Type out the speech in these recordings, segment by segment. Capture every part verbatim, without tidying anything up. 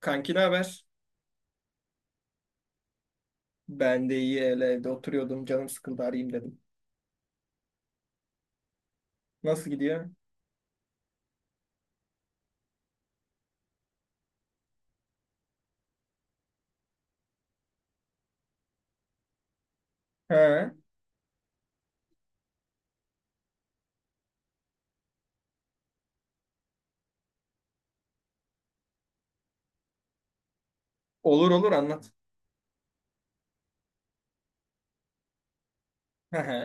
Kanki ne haber? Ben de iyi öyle evde oturuyordum. Canım sıkıldı arayayım dedim. Nasıl gidiyor? He. Olur olur anlat. He he.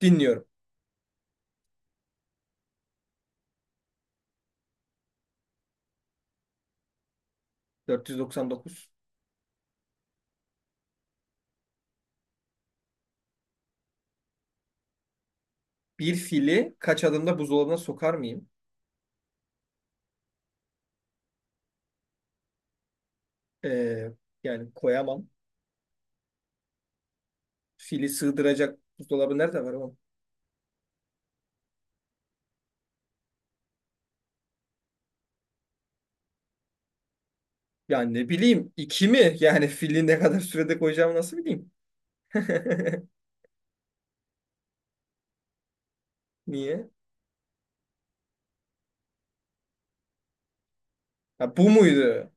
Dinliyorum. dört yüz doksan dokuz. Bir fili kaç adımda buzdolabına sokar mıyım? Ee, yani koyamam. Fili sığdıracak buzdolabı nerede var oğlum? Yani ne bileyim iki mi? Yani fili ne kadar sürede koyacağımı nasıl bileyim? Niye? Ha, bu muydu?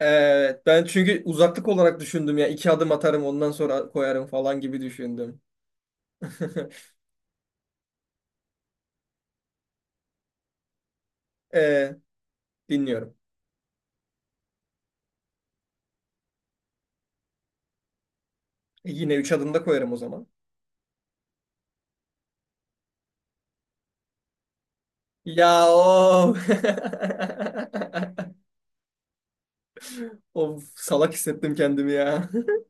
Evet ben çünkü uzaklık olarak düşündüm ya. İki adım atarım ondan sonra koyarım falan gibi düşündüm. Ee, dinliyorum. E, yine üç adımda koyarım o zaman. Ya o. Of salak hissettim kendimi ya.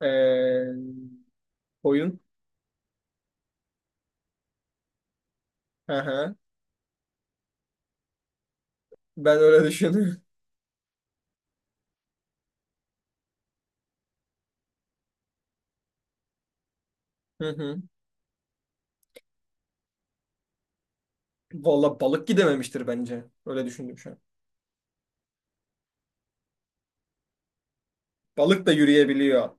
Ee, oyun. Aha, ben öyle düşünüyorum. Hı hı. Valla balık gidememiştir bence. Öyle düşündüm şu an. Balık da yürüyebiliyor.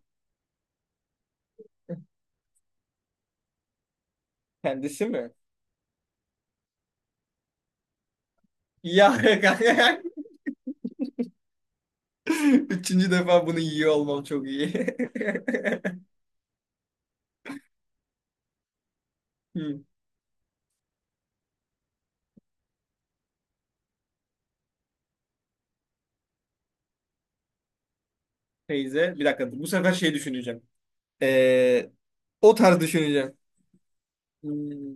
Kendisi mi? Ya kanka. Üçüncü defa bunu yiyor olmam çok iyi. Hı. Teyze. Bir dakika. Bu sefer şey düşüneceğim. Ee, o tarz düşüneceğim. Hmm.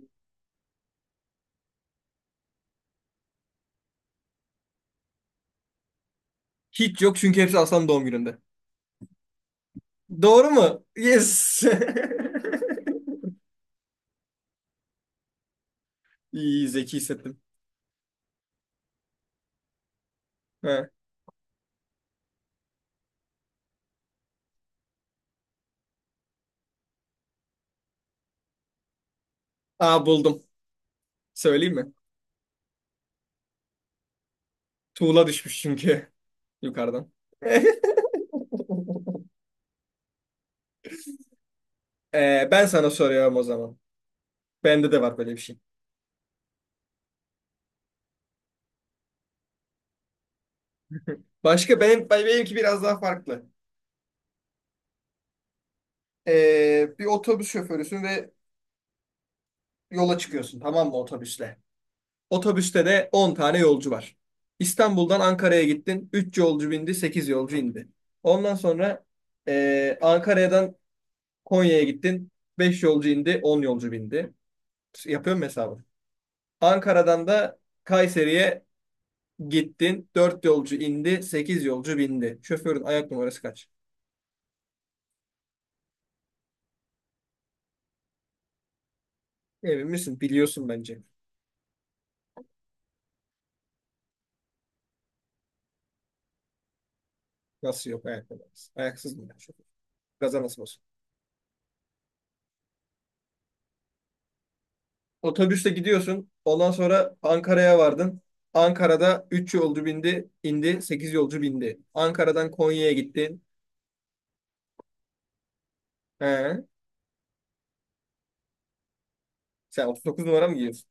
Hiç yok çünkü hepsi Aslan doğum gününde. Doğru mu? Yes. İyi zeki hissettim. Ha. Aa, buldum. Söyleyeyim mi? Tuğla düşmüş çünkü yukarıdan. Ee, ben sana soruyorum o zaman. Bende de var böyle bir şey. Başka benim benimki biraz daha farklı. Ee, bir otobüs şoförüsün ve yola çıkıyorsun, tamam mı, otobüsle? Otobüste de on tane yolcu var. İstanbul'dan Ankara'ya gittin. Üç yolcu bindi, sekiz yolcu indi. Ondan sonra ee, Ankara'dan Konya'ya gittin. Beş yolcu indi, on yolcu bindi. Yapıyorum hesabı. Ankara'dan da Kayseri'ye gittin. Dört yolcu indi, sekiz yolcu bindi. Şoförün ayak numarası kaç? Emin misin? Biliyorsun bence. Nasıl yok ayak numarası? Ayaksız mı yani şoför? Gaza nasıl basıyor? Otobüste gidiyorsun. Ondan sonra Ankara'ya vardın. Ankara'da üç yolcu bindi, indi, sekiz yolcu bindi. Ankara'dan Konya'ya gittin. He. Sen otuz dokuz numara mı giyiyorsun?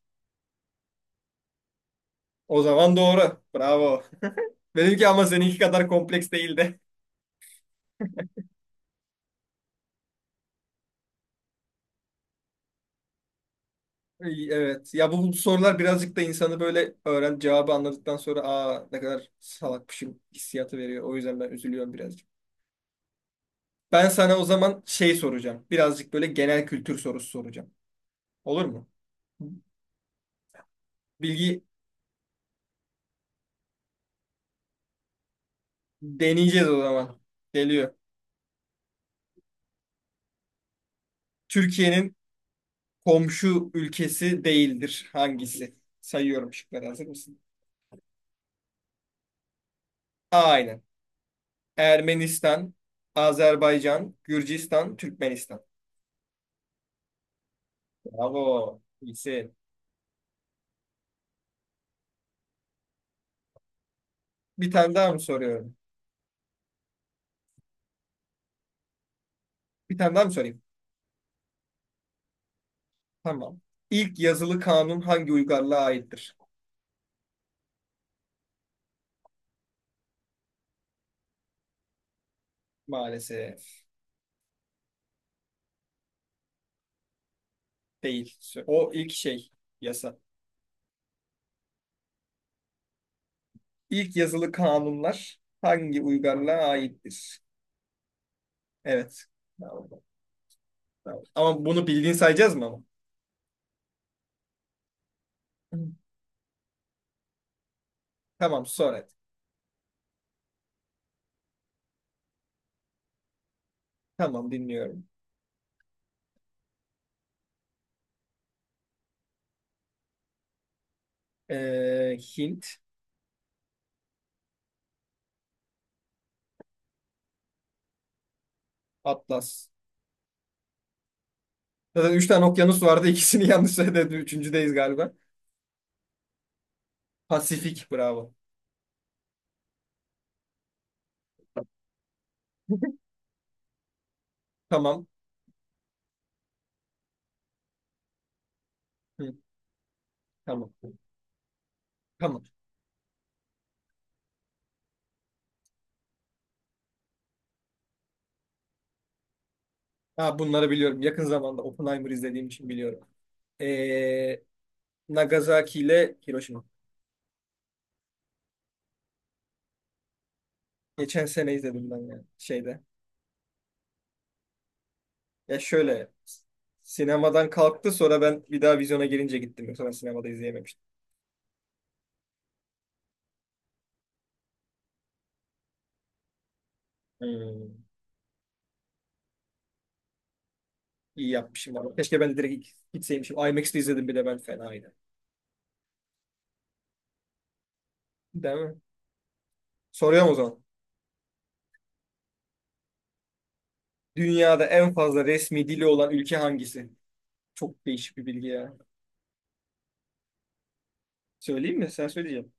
O zaman doğru. Bravo. Benimki ama seninki kadar kompleks değildi. İyi, evet. Ya bu, bu sorular birazcık da insanı böyle öğren cevabı anladıktan sonra, aa, ne kadar salakmışım hissiyatı veriyor. O yüzden ben üzülüyorum birazcık. Ben sana o zaman şey soracağım. Birazcık böyle genel kültür sorusu soracağım. Olur mu? Bilgi deneyeceğiz o zaman. Geliyor. Türkiye'nin komşu ülkesi değildir. Hangisi? Sayıyorum şıkları. Hazır mısın? A. Ermenistan, Azerbaycan, Gürcistan, Türkmenistan. Bravo. İyisin. Bir tane daha mı soruyorum? Bir tane daha mı sorayım? Tamam. İlk yazılı kanun hangi uygarlığa aittir? Maalesef değil. O ilk şey yasa. İlk yazılı kanunlar hangi uygarlığa aittir? Evet. Tamam, tamam. Ama bunu bildiğin sayacağız mı ama? Tamam, sor hadi. Tamam, dinliyorum. Ee, Hint. Atlas. Zaten üç tane okyanus vardı. İkisini yanlış söyledim. Üçüncüdeyiz galiba. Pasifik. Bravo. Tamam. Hı, tamam. Tamam. Ha, bunları biliyorum. Yakın zamanda Oppenheimer izlediğim için biliyorum. Ee, Nagasaki ile Hiroşima. Geçen sene izledim ben yani şeyde. Ya şöyle sinemadan kalktı, sonra ben bir daha vizyona girince gittim. Yoksa ben sinemada izleyememiştim. Hmm. İyi yapmışım ama. Keşke ben de direkt gitseymişim. aymaks'te izledim bile, ben fenaydı. Değil mi? Soruyorum o zaman. Dünyada en fazla resmi dili olan ülke hangisi? Çok değişik bir bilgi ya. Söyleyeyim mi? Sen söyleyeceğim.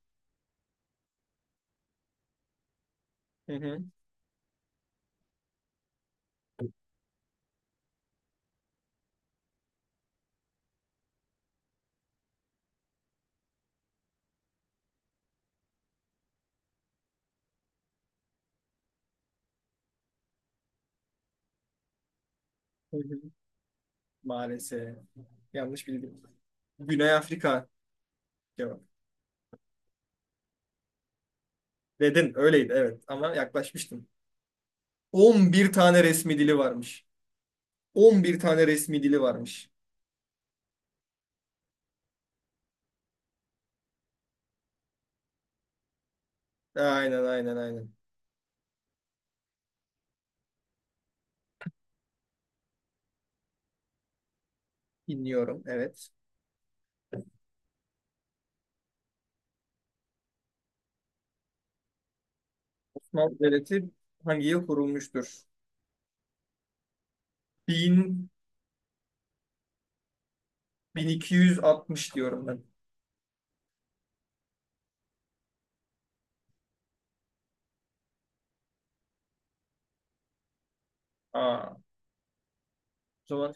Hı hı. Hı hı. Maalesef. Yanlış bildim. Güney Afrika cevap. Dedin, öyleydi evet, ama yaklaşmıştın. on bir tane resmi dili varmış. on bir tane resmi dili varmış. Aynen aynen aynen. Dinliyorum, evet. Osmanlı Devleti hangi yıl kurulmuştur? bin, bin iki yüz altmış diyorum ben. Aa, o zaman.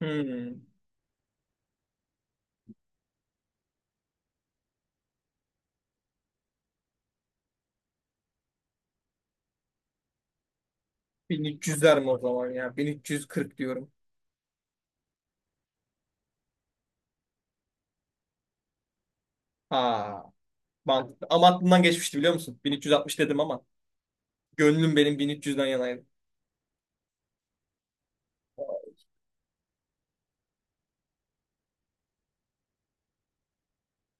Hmm. bin üç yüzler mi o zaman ya? bin üç yüz kırk diyorum. Ha, mantıklı. Ama aklımdan geçmişti, biliyor musun? bin üç yüz altmış dedim ama gönlüm benim bin üç yüzden yanaydı.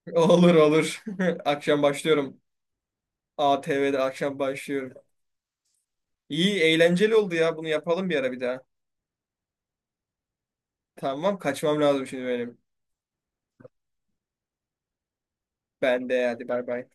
Olur olur. Akşam başlıyorum. A, ATV'de akşam başlıyorum. İyi, eğlenceli oldu ya. Bunu yapalım bir ara bir daha. Tamam, kaçmam lazım şimdi benim. Ben de hadi, bay bay.